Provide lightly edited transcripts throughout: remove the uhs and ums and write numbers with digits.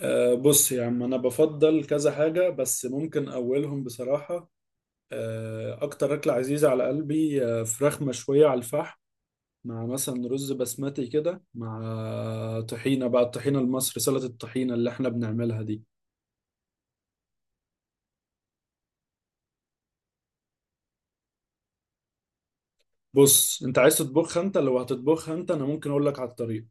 بص يا عم، أنا بفضل كذا حاجة بس ممكن أولهم بصراحة. أكتر أكلة عزيزة على قلبي، فراخ مشوية على الفحم مع مثلا رز بسمتي كده، مع طحينة بقى، الطحينة المصري سلطة الطحينة اللي احنا بنعملها دي. بص أنت عايز تطبخها؟ أنت لو هتطبخها أنت، أنا ممكن أقول لك على الطريقة.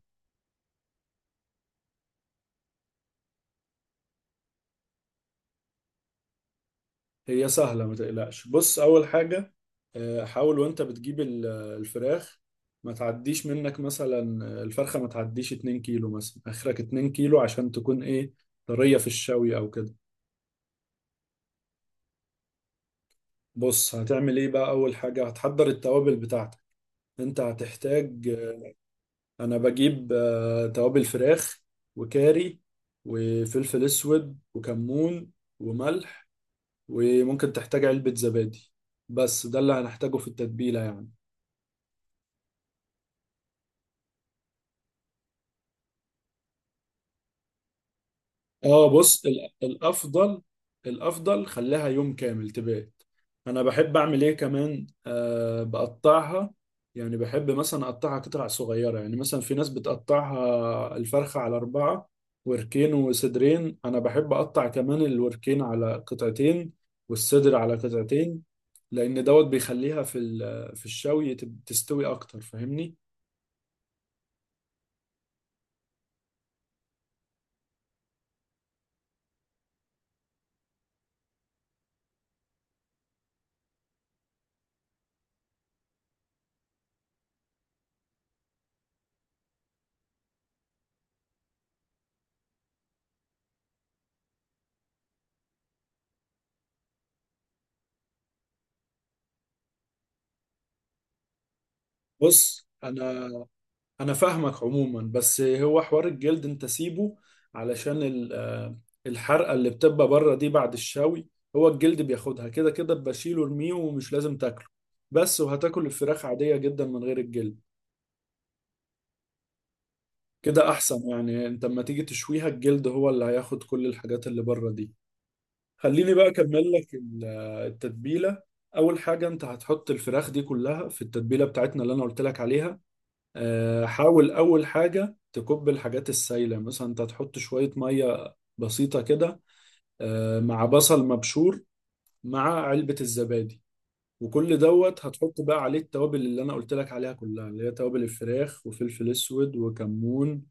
هي سهلة ما تقلقش. بص أول حاجة، حاول وأنت بتجيب الفراخ، ما تعديش منك مثلا، الفرخة ما تعديش 2 كيلو مثلا، آخرك 2 كيلو عشان تكون إيه، طرية في الشوي أو كده. بص هتعمل إيه بقى؟ أول حاجة هتحضر التوابل بتاعتك. أنت هتحتاج. أنا بجيب توابل فراخ، وكاري، وفلفل أسود، وكمون، وملح. وممكن تحتاج علبة زبادي. بس ده اللي هنحتاجه في التتبيلة يعني. اه بص، الافضل خليها يوم كامل تبات. انا بحب اعمل ايه كمان، بقطعها، يعني بحب مثلا اقطعها قطع صغيره. يعني مثلا في ناس بتقطعها الفرخه على اربعه، وركين وصدرين. انا بحب اقطع كمان الوركين على قطعتين والصدر على قطعتين. لان دوت بيخليها في الشوي تستوي اكتر، فاهمني. بص، انا فاهمك عموما، بس هو حوار الجلد انت سيبه علشان الحرقه اللي بتبقى بره دي بعد الشوي، هو الجلد بياخدها كده كده. بشيله ارميه، ومش لازم تاكله. بس وهتاكل الفراخ عاديه جدا من غير الجلد. كده احسن يعني، انت لما تيجي تشويها الجلد هو اللي هياخد كل الحاجات اللي بره دي. خليني بقى اكمل لك التتبيله. اول حاجه انت هتحط الفراخ دي كلها في التتبيله بتاعتنا اللي انا قلت لك عليها. حاول أول حاجة تكب الحاجات السايلة، مثلا أنت تحط شوية مية بسيطة كده، مع بصل مبشور، مع علبة الزبادي. وكل دوت هتحط بقى عليه التوابل اللي أنا قلت لك عليها كلها، اللي هي توابل الفراخ، وفلفل أسود، وكمون،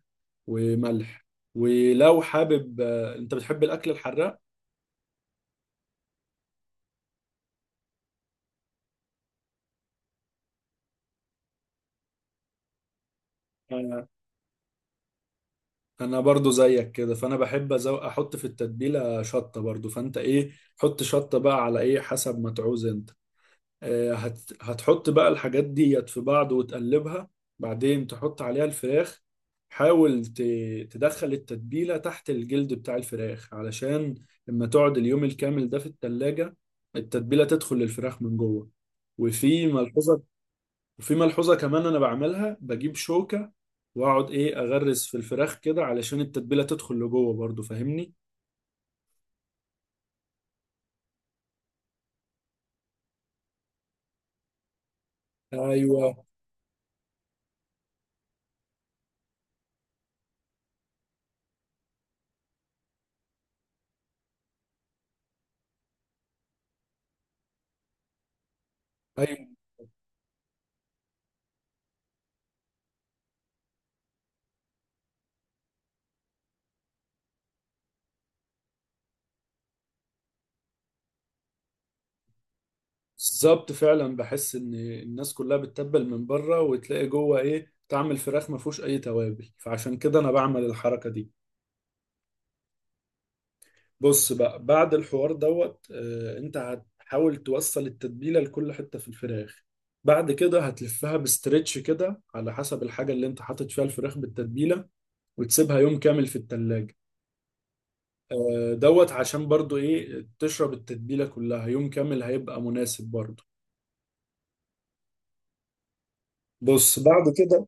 وملح. ولو حابب، أنت بتحب الأكل الحراق، أنا أنا برضو زيك كده، فأنا بحب أحط في التتبيلة شطة برضو. فأنت إيه، حط شطة بقى على إيه حسب ما تعوز أنت. هتحط بقى الحاجات ديت في بعض وتقلبها، بعدين تحط عليها الفراخ. حاول تدخل التتبيلة تحت الجلد بتاع الفراخ، علشان لما تقعد اليوم الكامل ده في التلاجة التتبيلة تدخل للفراخ من جوه. وفي ملحوظة وفي ملحوظة كمان، أنا بعملها بجيب شوكة وأقعد إيه أغرز في الفراخ كده، علشان التتبيلة تدخل لجوه برضو، فاهمني؟ ايوه. ايوه بالظبط، فعلا بحس ان الناس كلها بتتبل من بره، وتلاقي جوه ايه طعم الفراخ ما فيهوش اي توابل، فعشان كده انا بعمل الحركه دي. بص بقى، بعد الحوار دوت انت هتحاول توصل التتبيله لكل حته في الفراخ. بعد كده هتلفها بستريتش كده، على حسب الحاجه اللي انت حاطط فيها الفراخ بالتتبيله، وتسيبها يوم كامل في التلاجة. دوت عشان برضو ايه تشرب التتبيله كلها، يوم كامل هيبقى مناسب برضو. بص بعد كده.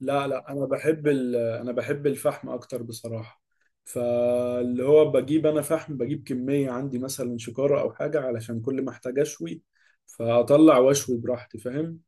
لا لا، انا بحب الفحم اكتر بصراحه. فاللي هو بجيب انا فحم، بجيب كميه عندي مثلا شكاره او حاجه، علشان كل ما احتاج اشوي، فاطلع واشوي براحتي، فاهم.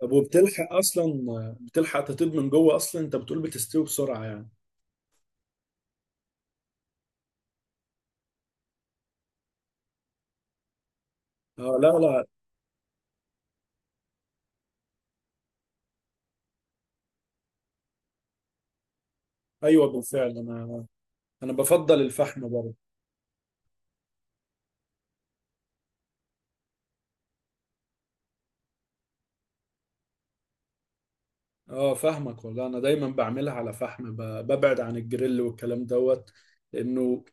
طب وبتلحق اصلا بتلحق تطيب من جوه اصلا؟ انت بتقول بتستوي بسرعه يعني. اه، لا لا. ايوه بالفعل، انا بفضل الفحم برضه. اه فاهمك والله، انا دايما بعملها على فحم، ببعد عن الجريل والكلام دوت، لانه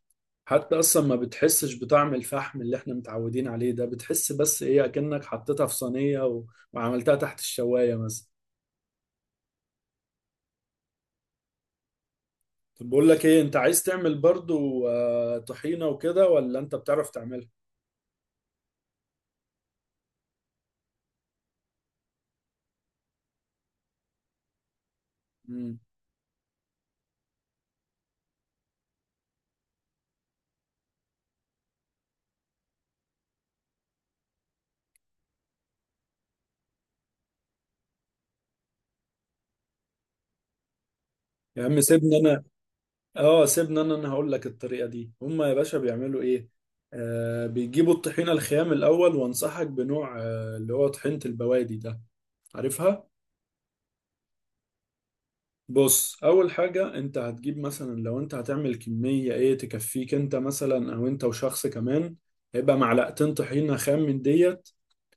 حتى اصلا ما بتحسش بطعم الفحم اللي احنا متعودين عليه ده، بتحس بس ايه اكنك حطيتها في صينية وعملتها تحت الشواية مثلا. طب بقول لك ايه، انت عايز تعمل برضو طحينة وكده ولا انت بتعرف تعملها؟ امم يا عم سيبني انا، انا هقول لك الطريقة دي هما يا باشا بيعملوا ايه. بيجيبوا الطحينة الخام الاول، وانصحك بنوع اللي هو طحينة البوادي ده، عارفها. بص اول حاجة انت هتجيب مثلا لو انت هتعمل كمية ايه تكفيك انت مثلا، او انت وشخص كمان، هيبقى معلقتين طحينة خام من ديت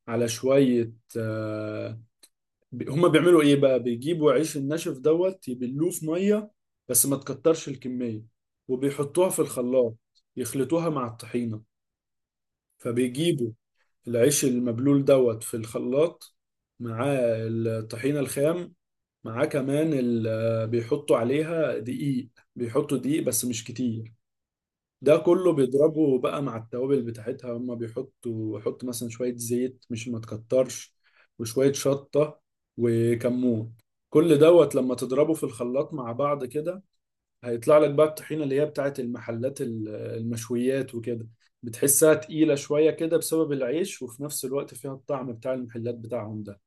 على شوية. هما بيعملوا ايه بقى، بيجيبوا عيش الناشف دوت يبلوه في مية، بس ما تكترش الكمية، وبيحطوها في الخلاط يخلطوها مع الطحينة. فبيجيبوا العيش المبلول دوت في الخلاط مع الطحينة الخام، مع كمان بيحطوا عليها دقيق، بيحطوا دقيق بس مش كتير. ده كله بيضربه بقى مع التوابل بتاعتها، هما بيحطوا يحط مثلا شوية زيت، مش ما تكترش، وشوية شطة وكمون. كل دوت لما تضربه في الخلاط مع بعض كده، هيطلع لك بقى الطحينة اللي هي بتاعت المحلات المشويات وكده. بتحسها تقيلة شوية كده بسبب العيش، وفي نفس الوقت فيها الطعم بتاع المحلات بتاعهم ده.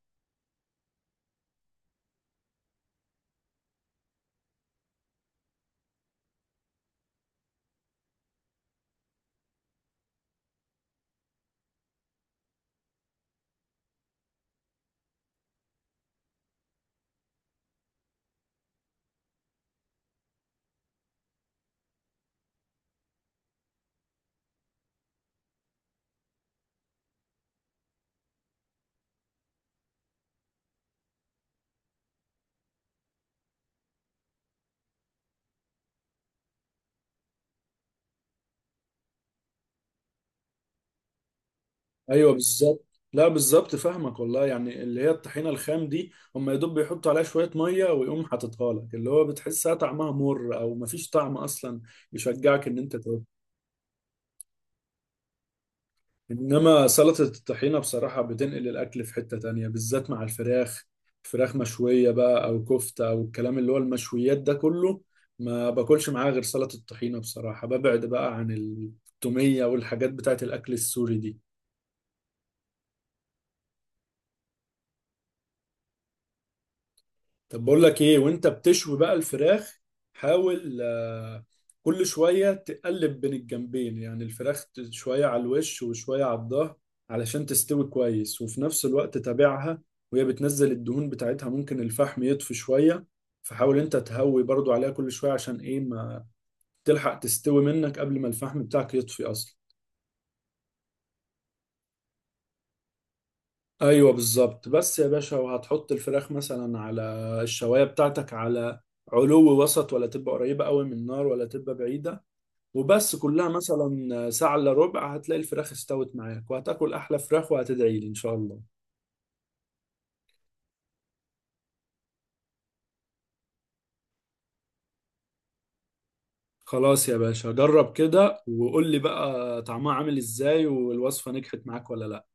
ايوه بالظبط. لا بالظبط فاهمك والله، يعني اللي هي الطحينة الخام دي هم يا دوب بيحطوا عليها شوية مية ويقوم حاططها لك، اللي هو بتحسها طعمها مر او مفيش طعم اصلا، يشجعك ان انت. انما سلطة الطحينة بصراحة بتنقل الاكل في حتة تانية، بالذات مع الفراخ. فراخ مشوية بقى او كفتة، او الكلام اللي هو المشويات ده كله، ما باكلش معاه غير سلطة الطحينة بصراحة. ببعد بقى عن التومية والحاجات بتاعت الاكل السوري دي. طب بقول لك ايه، وانت بتشوي بقى الفراخ، حاول كل شوية تقلب بين الجنبين، يعني الفراخ شوية على الوش وشوية على الظهر، علشان تستوي كويس. وفي نفس الوقت تابعها، وهي بتنزل الدهون بتاعتها ممكن الفحم يطفي شوية، فحاول انت تهوي برضو عليها كل شوية، عشان ايه، ما تلحق تستوي منك قبل ما الفحم بتاعك يطفي اصلا. ايوه بالظبط، بس يا باشا وهتحط الفراخ مثلا على الشوايه بتاعتك، على علو وسط، ولا تبقى قريبه قوي من النار ولا تبقى بعيده. وبس كلها مثلا ساعه الا ربع، هتلاقي الفراخ استوت معاك، وهتاكل احلى فراخ وهتدعي لي ان شاء الله. خلاص يا باشا، جرب كده وقول لي بقى طعمها عامل ازاي، والوصفه نجحت معاك ولا لا.